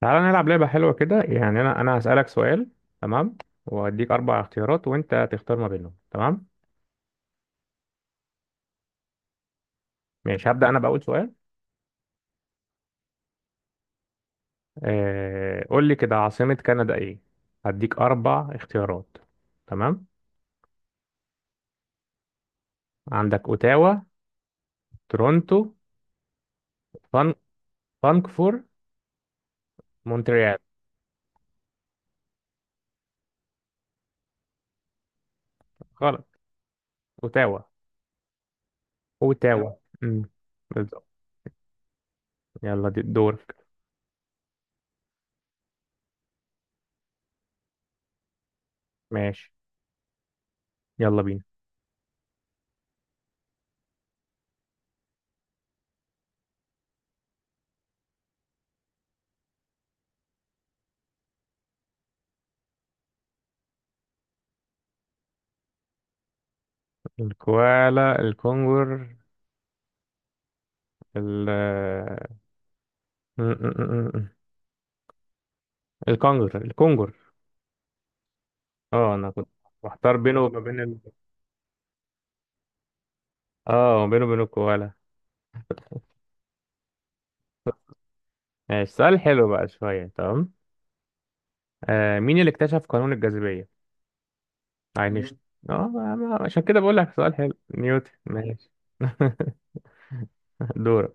تعالى نلعب لعبة حلوة كده يعني أنا هسألك سؤال. تمام. وأديك أربع اختيارات وأنت تختار ما بينهم. تمام. ماشي، هبدأ أنا بأول سؤال. قول لي كده، عاصمة كندا إيه؟ هديك أربع اختيارات. تمام. عندك أوتاوا، تورونتو، فان... فانكفور، مونتريال. غلط. أوتاوا. أوتاوا. امم بالظبط. يلا دي دورك. ماشي يلا بينا. الكوالا، الكونغر، ال م- م- م- م- الكونغر. اه انا كنت محتار بينه وما بين ال... اه بينه وبين الكوالا. ماشي، سؤال حلو بقى شوية. تمام. مين اللي اكتشف قانون الجاذبية؟ اينشتاين. عشان كده بقول لك سؤال حلو. نيوتن. ماشي. دورك.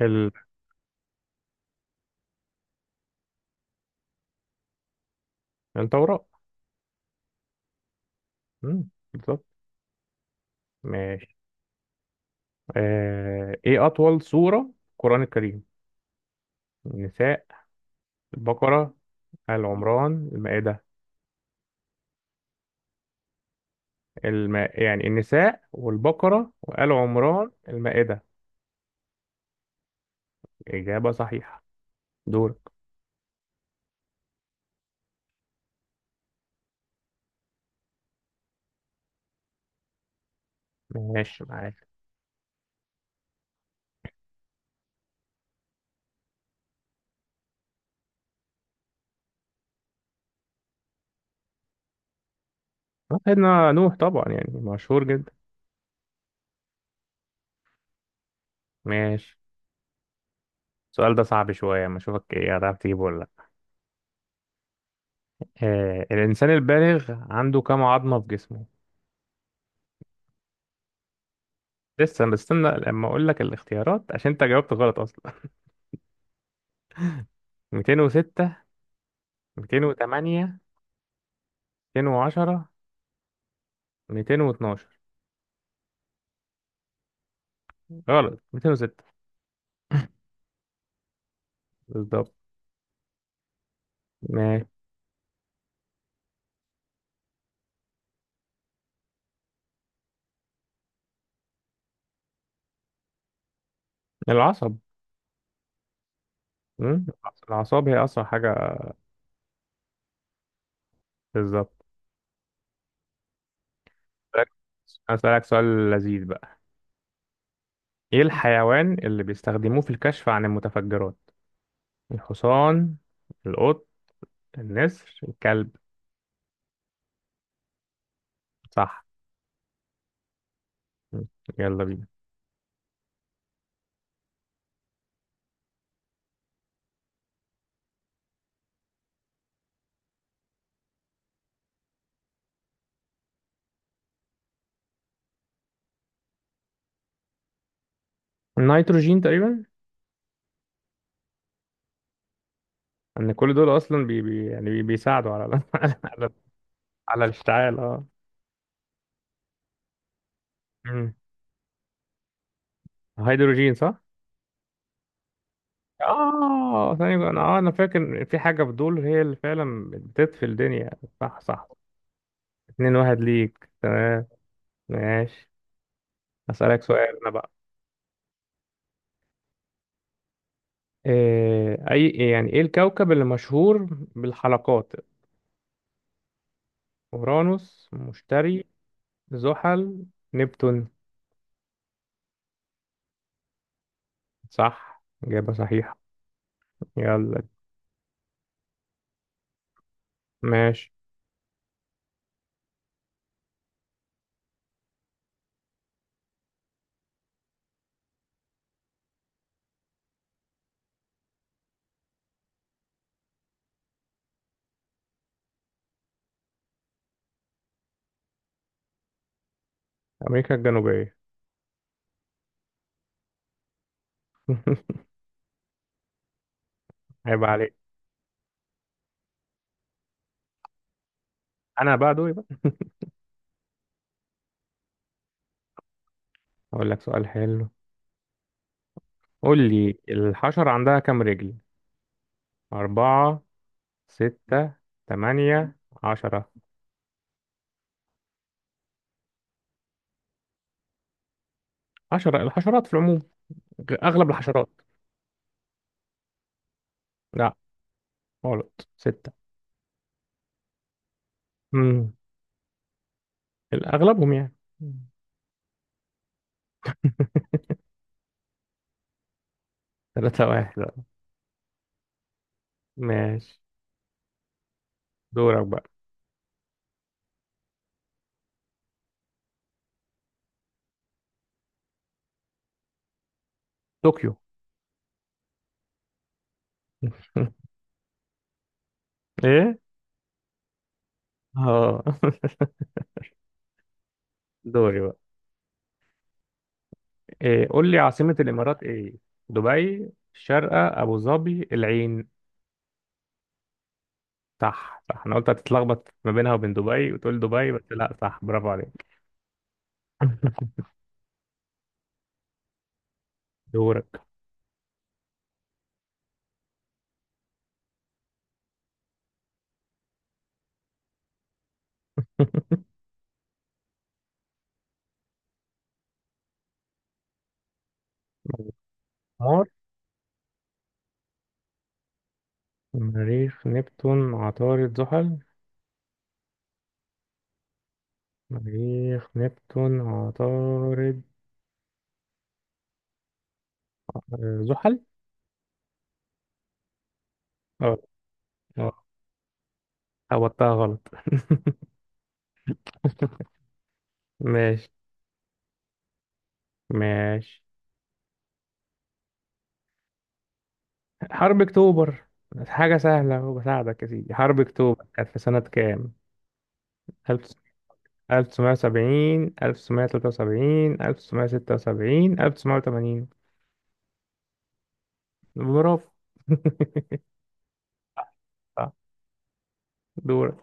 ال... التوراة. بالظبط. ماشي. ايه أطول سورة في القرآن الكريم؟ النساء، البقرة، آل عمران، المائدة. يعني النساء والبقرة وآل عمران المائدة. إجابة صحيحة. دورك. ماشي معاك. سيدنا نوح طبعا يعني مشهور جدا. ماشي، السؤال ده صعب شوية، ما اشوفك ايه هتعرف تجيبه ولا لا. الانسان البالغ عنده كم عظمة في جسمه؟ لسه بستنى لما اقول لك الاختيارات، عشان انت جاوبت غلط اصلا. 206، 208، 210، 212. غلط، 206. بالظبط. ماشي. العصب. مم، الأعصاب هي أسرع حاجة. بالظبط. أسألك أسألك سؤال لذيذ بقى. إيه الحيوان اللي بيستخدموه في الكشف عن المتفجرات؟ الحصان، القط، النسر، الكلب. صح. م. يلا بينا. النيتروجين تقريبا. ان كل دول اصلا بي بي يعني بي بيساعدوا على على على, على الاشتعال اه مم. هيدروجين صح. اه ثانية، انا فاكر في حاجة في دول هي اللي فعلا بتطفي الدنيا. صح صح. 2-1 ليك. تمام. ماشي. هسألك سؤال انا بقى. إيه اي إيه يعني ايه الكوكب اللي مشهور بالحلقات؟ اورانوس، مشتري، زحل، نبتون. صح، إجابة صحيحة. يلا. ماشي. أمريكا الجنوبية. عيب عليك. أنا بقى دوري بقى. أقول لك سؤال حلو. قول لي، الحشرة عندها كام رجل؟ أربعة، ستة، تمانية، 10. عشرة، الحشرات في العموم، أغلب الحشرات. لا، غلط، ستة. امم أغلبهم يعني. مم. 3-1. ماشي. دورك بقى. طوكيو. إيه؟ اه. دوري بقى. إيه قول لي، عاصمة الإمارات إيه؟ دبي، الشارقة، أبو ظبي، العين. صح صح، أنا قلت هتتلخبط ما بينها وبين دبي وتقول دبي بس لا، صح. برافو عليك. دورك. مار مريخ، نبتون، عطارد، زحل. مريخ، نبتون، عطارد، زحل. اه اه هبطتها غلط. ماشي. ماشي، حرب أكتوبر. حاجة سهلة وبساعدك يا سيدي. حرب أكتوبر كانت في سنة كام؟ 1970، 1973، 1976، 1980. برافو. صح. دورك.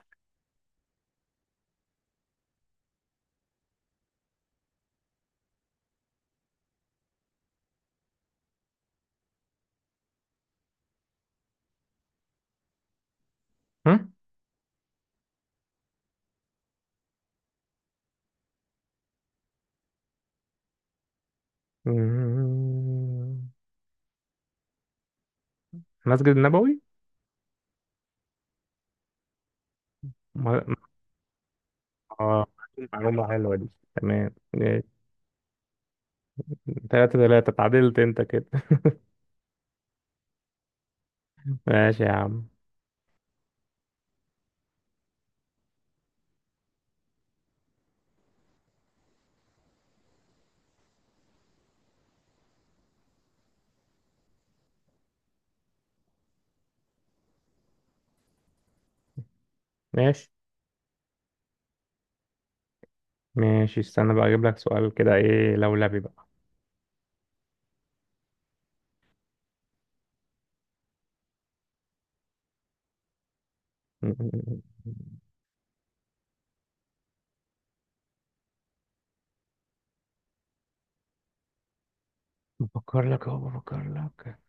هم؟ مم. مسجد النبوي. م- اه معلومة حلوة دي. تمام. 3-3، اتعادلت انت كده. ماشي يا عم. ماشي، ماشي، استنى بقى اجيب لك سؤال كده ايه لولبي بقى. بفكر لك اهو، بفكر لك.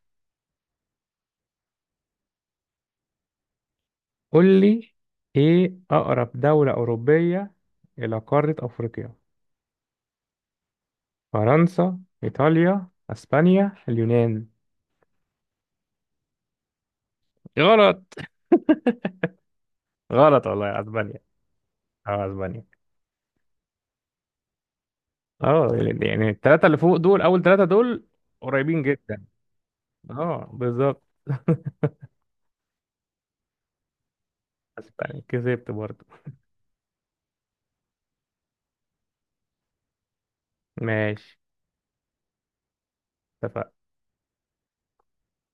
قول لي، ايه اقرب دولة اوروبية الى قارة افريقيا؟ فرنسا، إيطاليا، أسبانيا، اليونان. غلط. غلط والله، أسبانيا. اه أسبانيا. اه يعني التلاتة اللي فوق دول، أول تلاتة دول، قريبين جدا. اه بالظبط. أسبانيا كسبت برضه. ماشي. اتفقنا.